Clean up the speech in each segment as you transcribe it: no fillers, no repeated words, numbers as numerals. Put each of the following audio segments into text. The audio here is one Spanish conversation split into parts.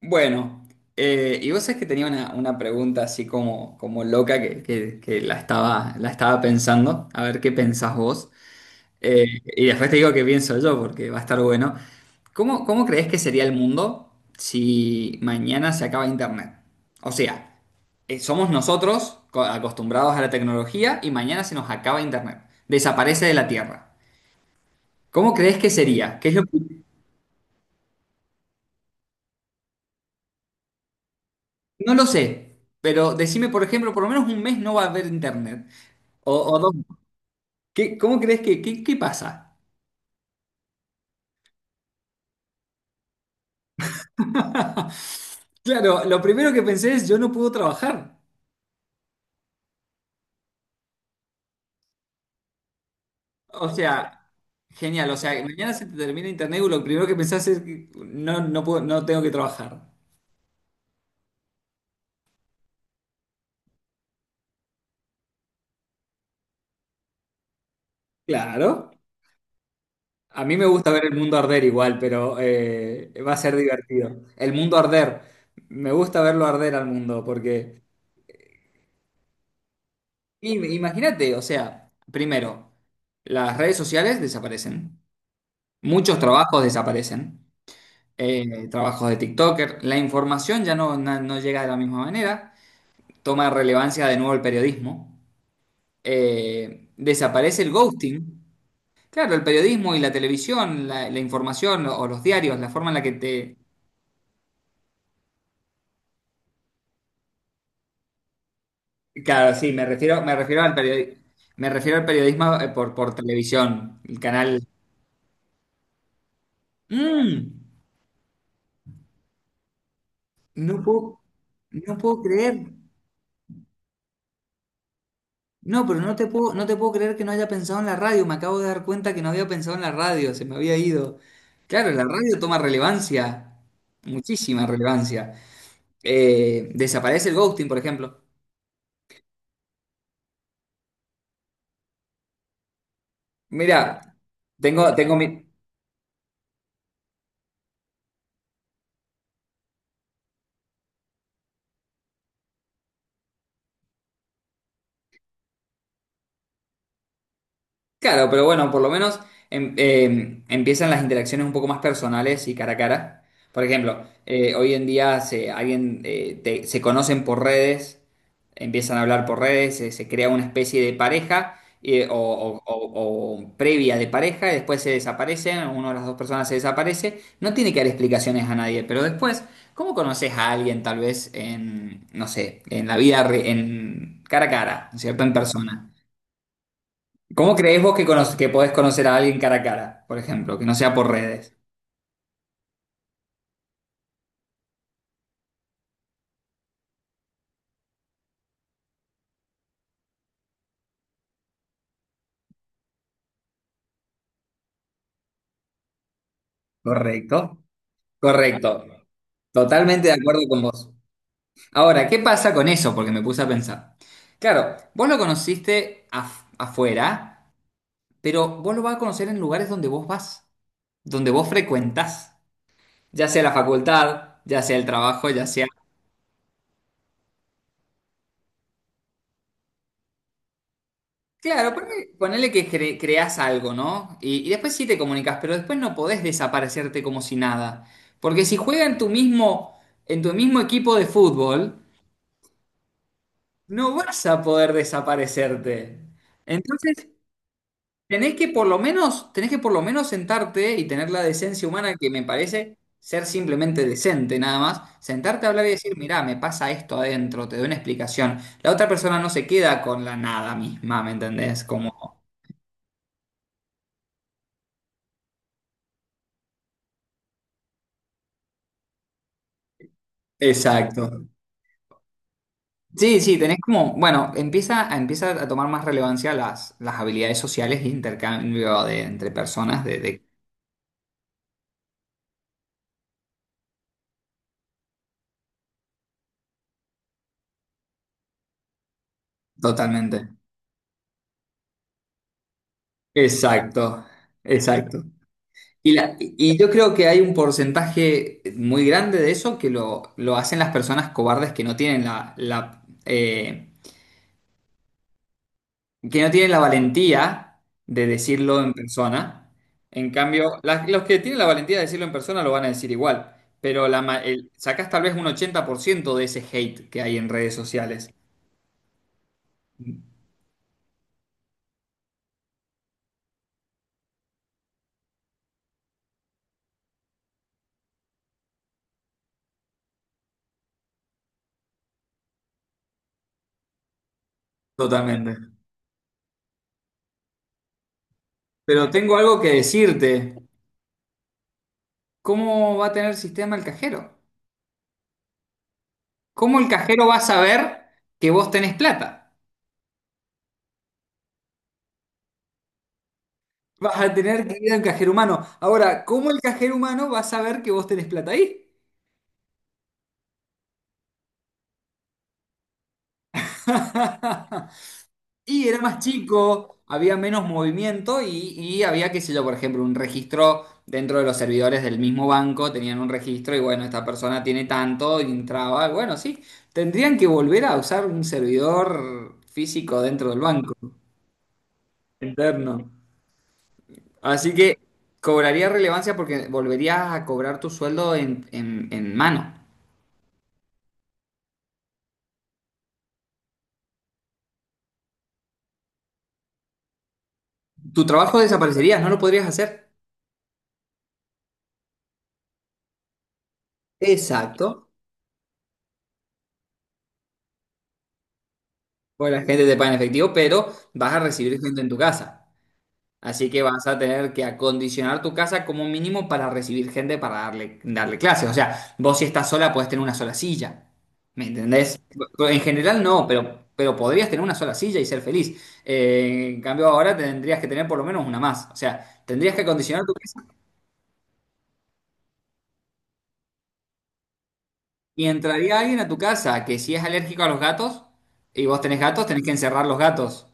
Bueno, y vos sabés que tenía una pregunta así como loca que la estaba pensando, a ver qué pensás vos. Eh, y después te digo qué pienso yo porque va a estar bueno. ¿Cómo, cómo creés que sería el mundo si mañana se acaba Internet? O sea, somos nosotros acostumbrados a la tecnología y mañana se nos acaba Internet. Desaparece de la Tierra. ¿Cómo crees que sería? ¿Qué es lo que- No lo sé, pero decime, por ejemplo, por lo menos un mes no va a haber Internet. O dos. ¿Qué- cómo crees que, qué, qué pasa? Claro, lo primero que pensé es, yo no puedo trabajar. O sea, genial, o sea, mañana se te termina internet y lo primero que pensás es, que no, no puedo, no tengo que trabajar. Claro. A mí me gusta ver el mundo arder igual, pero va a ser divertido. El mundo arder. Me gusta verlo arder al mundo, porque imagínate, o sea, primero, las redes sociales desaparecen. Muchos trabajos desaparecen. Eh, trabajos de TikToker. La información ya no llega de la misma manera. Toma relevancia de nuevo el periodismo. Desaparece el ghosting. Claro, el periodismo y la televisión, la información o los diarios, la forma en la que te... Claro, sí, me refiero me refiero al periodismo por televisión, el canal... Mm, no puedo, no puedo creer. No, pero no te puedo, no te puedo creer que no haya pensado en la radio. Me acabo de dar cuenta que no había pensado en la radio, se me había ido. Claro, la radio toma relevancia, muchísima relevancia. Desaparece el ghosting, por ejemplo. Mira, tengo, tengo mi, Claro, pero bueno, por lo menos empiezan las interacciones un poco más personales y cara a cara. Por ejemplo, hoy en día se, alguien, se conocen por redes, empiezan a hablar por redes, se crea una especie de pareja o, o previa de pareja y después se desaparecen, una de las dos personas se desaparece. No tiene que dar explicaciones a nadie, pero después, ¿cómo conoces a alguien tal vez en, no sé, en la vida, en cara a cara, ¿no es cierto? En persona. ¿Cómo creéis vos que podés conocer a alguien cara a cara, por ejemplo, que no sea por redes? Correcto, correcto. Totalmente de acuerdo con vos. Ahora, ¿qué pasa con eso? Porque me puse a pensar. Claro, vos lo conociste afuera, pero vos lo vas a conocer en lugares donde vos vas, donde vos frecuentás, ya sea la facultad, ya sea el trabajo, ya sea Claro, ponele, ponele que creás algo, ¿no? Y después sí te comunicas, pero después no podés desaparecerte como si nada. Porque si juega en tu mismo equipo de fútbol, no vas a poder desaparecerte. Entonces, tenés que por lo menos, tenés que por lo menos sentarte y tener la decencia humana que me parece ser simplemente decente, nada más. Sentarte a hablar y decir, mirá, me pasa esto adentro, te doy una explicación. La otra persona no se queda con la nada misma, ¿me entendés? Como. Exacto. Sí, sí, tenés como, bueno, empieza a, empieza a tomar más relevancia las habilidades sociales e intercambio de, entre personas de- totalmente. Exacto, exacto. Y yo creo que hay un porcentaje muy grande de eso que lo hacen las personas cobardes que no tienen que no tienen la valentía de decirlo en persona. En cambio, los que tienen la valentía de decirlo en persona lo van a decir igual, pero sacás tal vez un 80% de ese hate que hay en redes sociales. Totalmente. Pero tengo algo que decirte. ¿Cómo va a tener sistema el cajero? ¿Cómo el cajero va a saber que vos tenés plata? Vas a tener que ir al cajero humano. Ahora, ¿cómo el cajero humano va a saber que vos tenés plata ahí? Y era más chico, había menos movimiento y había, qué sé yo, por ejemplo, un registro dentro de los servidores del mismo banco, tenían un registro y bueno, esta persona tiene tanto, y entraba, bueno, sí, tendrían que volver a usar un servidor físico dentro del banco, interno. Así que cobraría relevancia porque volverías a cobrar tu sueldo en mano. Tu trabajo desaparecería, no lo podrías hacer. Exacto. Bueno, la gente te paga en efectivo, pero vas a recibir gente en tu casa. Así que vas a tener que acondicionar tu casa como mínimo para recibir gente para darle clases. O sea, vos si estás sola podés tener una sola silla. ¿Me entendés? En general no, pero podrías tener una sola silla y ser feliz. En cambio ahora tendrías que tener por lo menos una más. O sea, tendrías que acondicionar tu casa y entraría alguien a tu casa que si es alérgico a los gatos y vos tenés gatos, tenés que encerrar los gatos.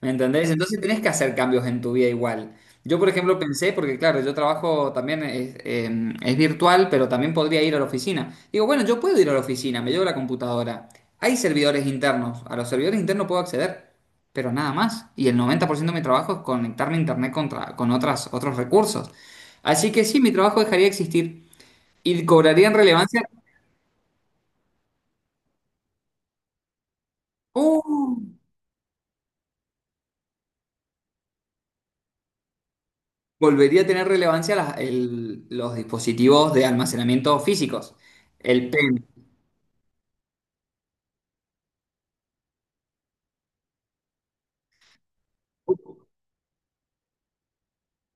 ¿Me entendés? Entonces tenés que hacer cambios en tu vida igual. Yo, por ejemplo, pensé, porque claro, yo trabajo también, es, es virtual, pero también podría ir a la oficina. Digo, bueno, yo puedo ir a la oficina, me llevo la computadora. Hay servidores internos, a los servidores internos puedo acceder, pero nada más. Y el 90% de mi trabajo es conectarme a internet contra, con otras, otros recursos. Así que sí, mi trabajo dejaría de existir y cobraría relevancia, ¡Uh! Volvería a tener relevancia los dispositivos de almacenamiento físicos. El P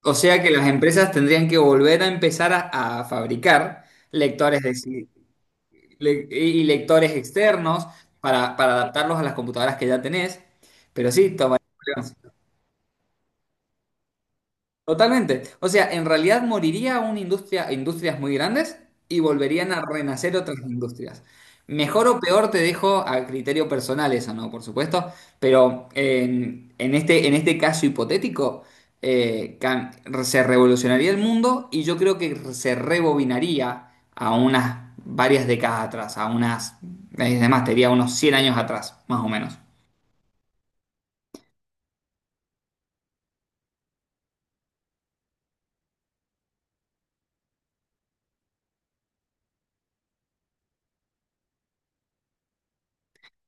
O sea que las empresas tendrían que volver a empezar a fabricar lectores de y lectores externos para adaptarlos a las computadoras que ya tenés. Pero sí, toma. Totalmente. O sea, en realidad moriría una industria, industrias muy grandes y volverían a renacer otras industrias. Mejor o peor te dejo a criterio personal eso, ¿no? Por supuesto. Pero en este caso hipotético, eh, cam- se revolucionaría el mundo y yo creo que se rebobinaría a unas varias décadas atrás, a unas, además, te diría unos 100 años atrás, más o menos.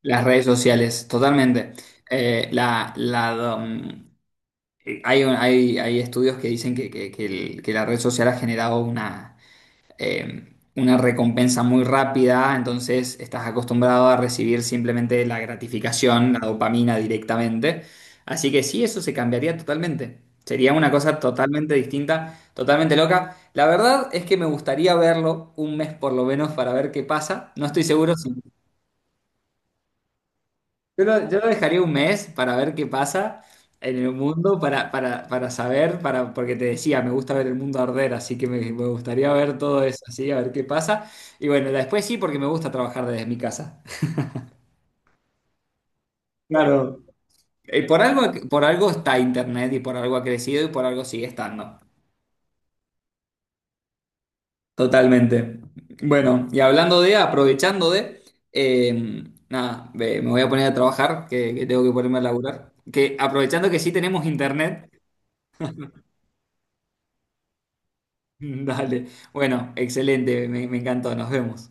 Las redes sociales, totalmente. Eh, la, la, um, Hay, hay estudios que dicen que, que la red social ha generado una recompensa muy rápida, entonces estás acostumbrado a recibir simplemente la gratificación, la dopamina directamente. Así que sí, eso se cambiaría totalmente. Sería una cosa totalmente distinta, totalmente loca. La verdad es que me gustaría verlo un mes por lo menos para ver qué pasa. No estoy seguro si yo lo dejaría un mes para ver qué pasa en el mundo, para saber, para, porque te decía, me gusta ver el mundo arder, así que me gustaría ver todo eso, así, a ver qué pasa. Y bueno, después sí, porque me gusta trabajar desde mi casa. Claro. Por algo, por algo está Internet y por algo ha crecido y por algo sigue estando. Totalmente. Bueno, y hablando de, aprovechando de, eh, nada, ve, me voy a poner a trabajar, que tengo que ponerme a laburar. Que aprovechando que sí tenemos Internet. Dale. Bueno, excelente, me encantó, nos vemos.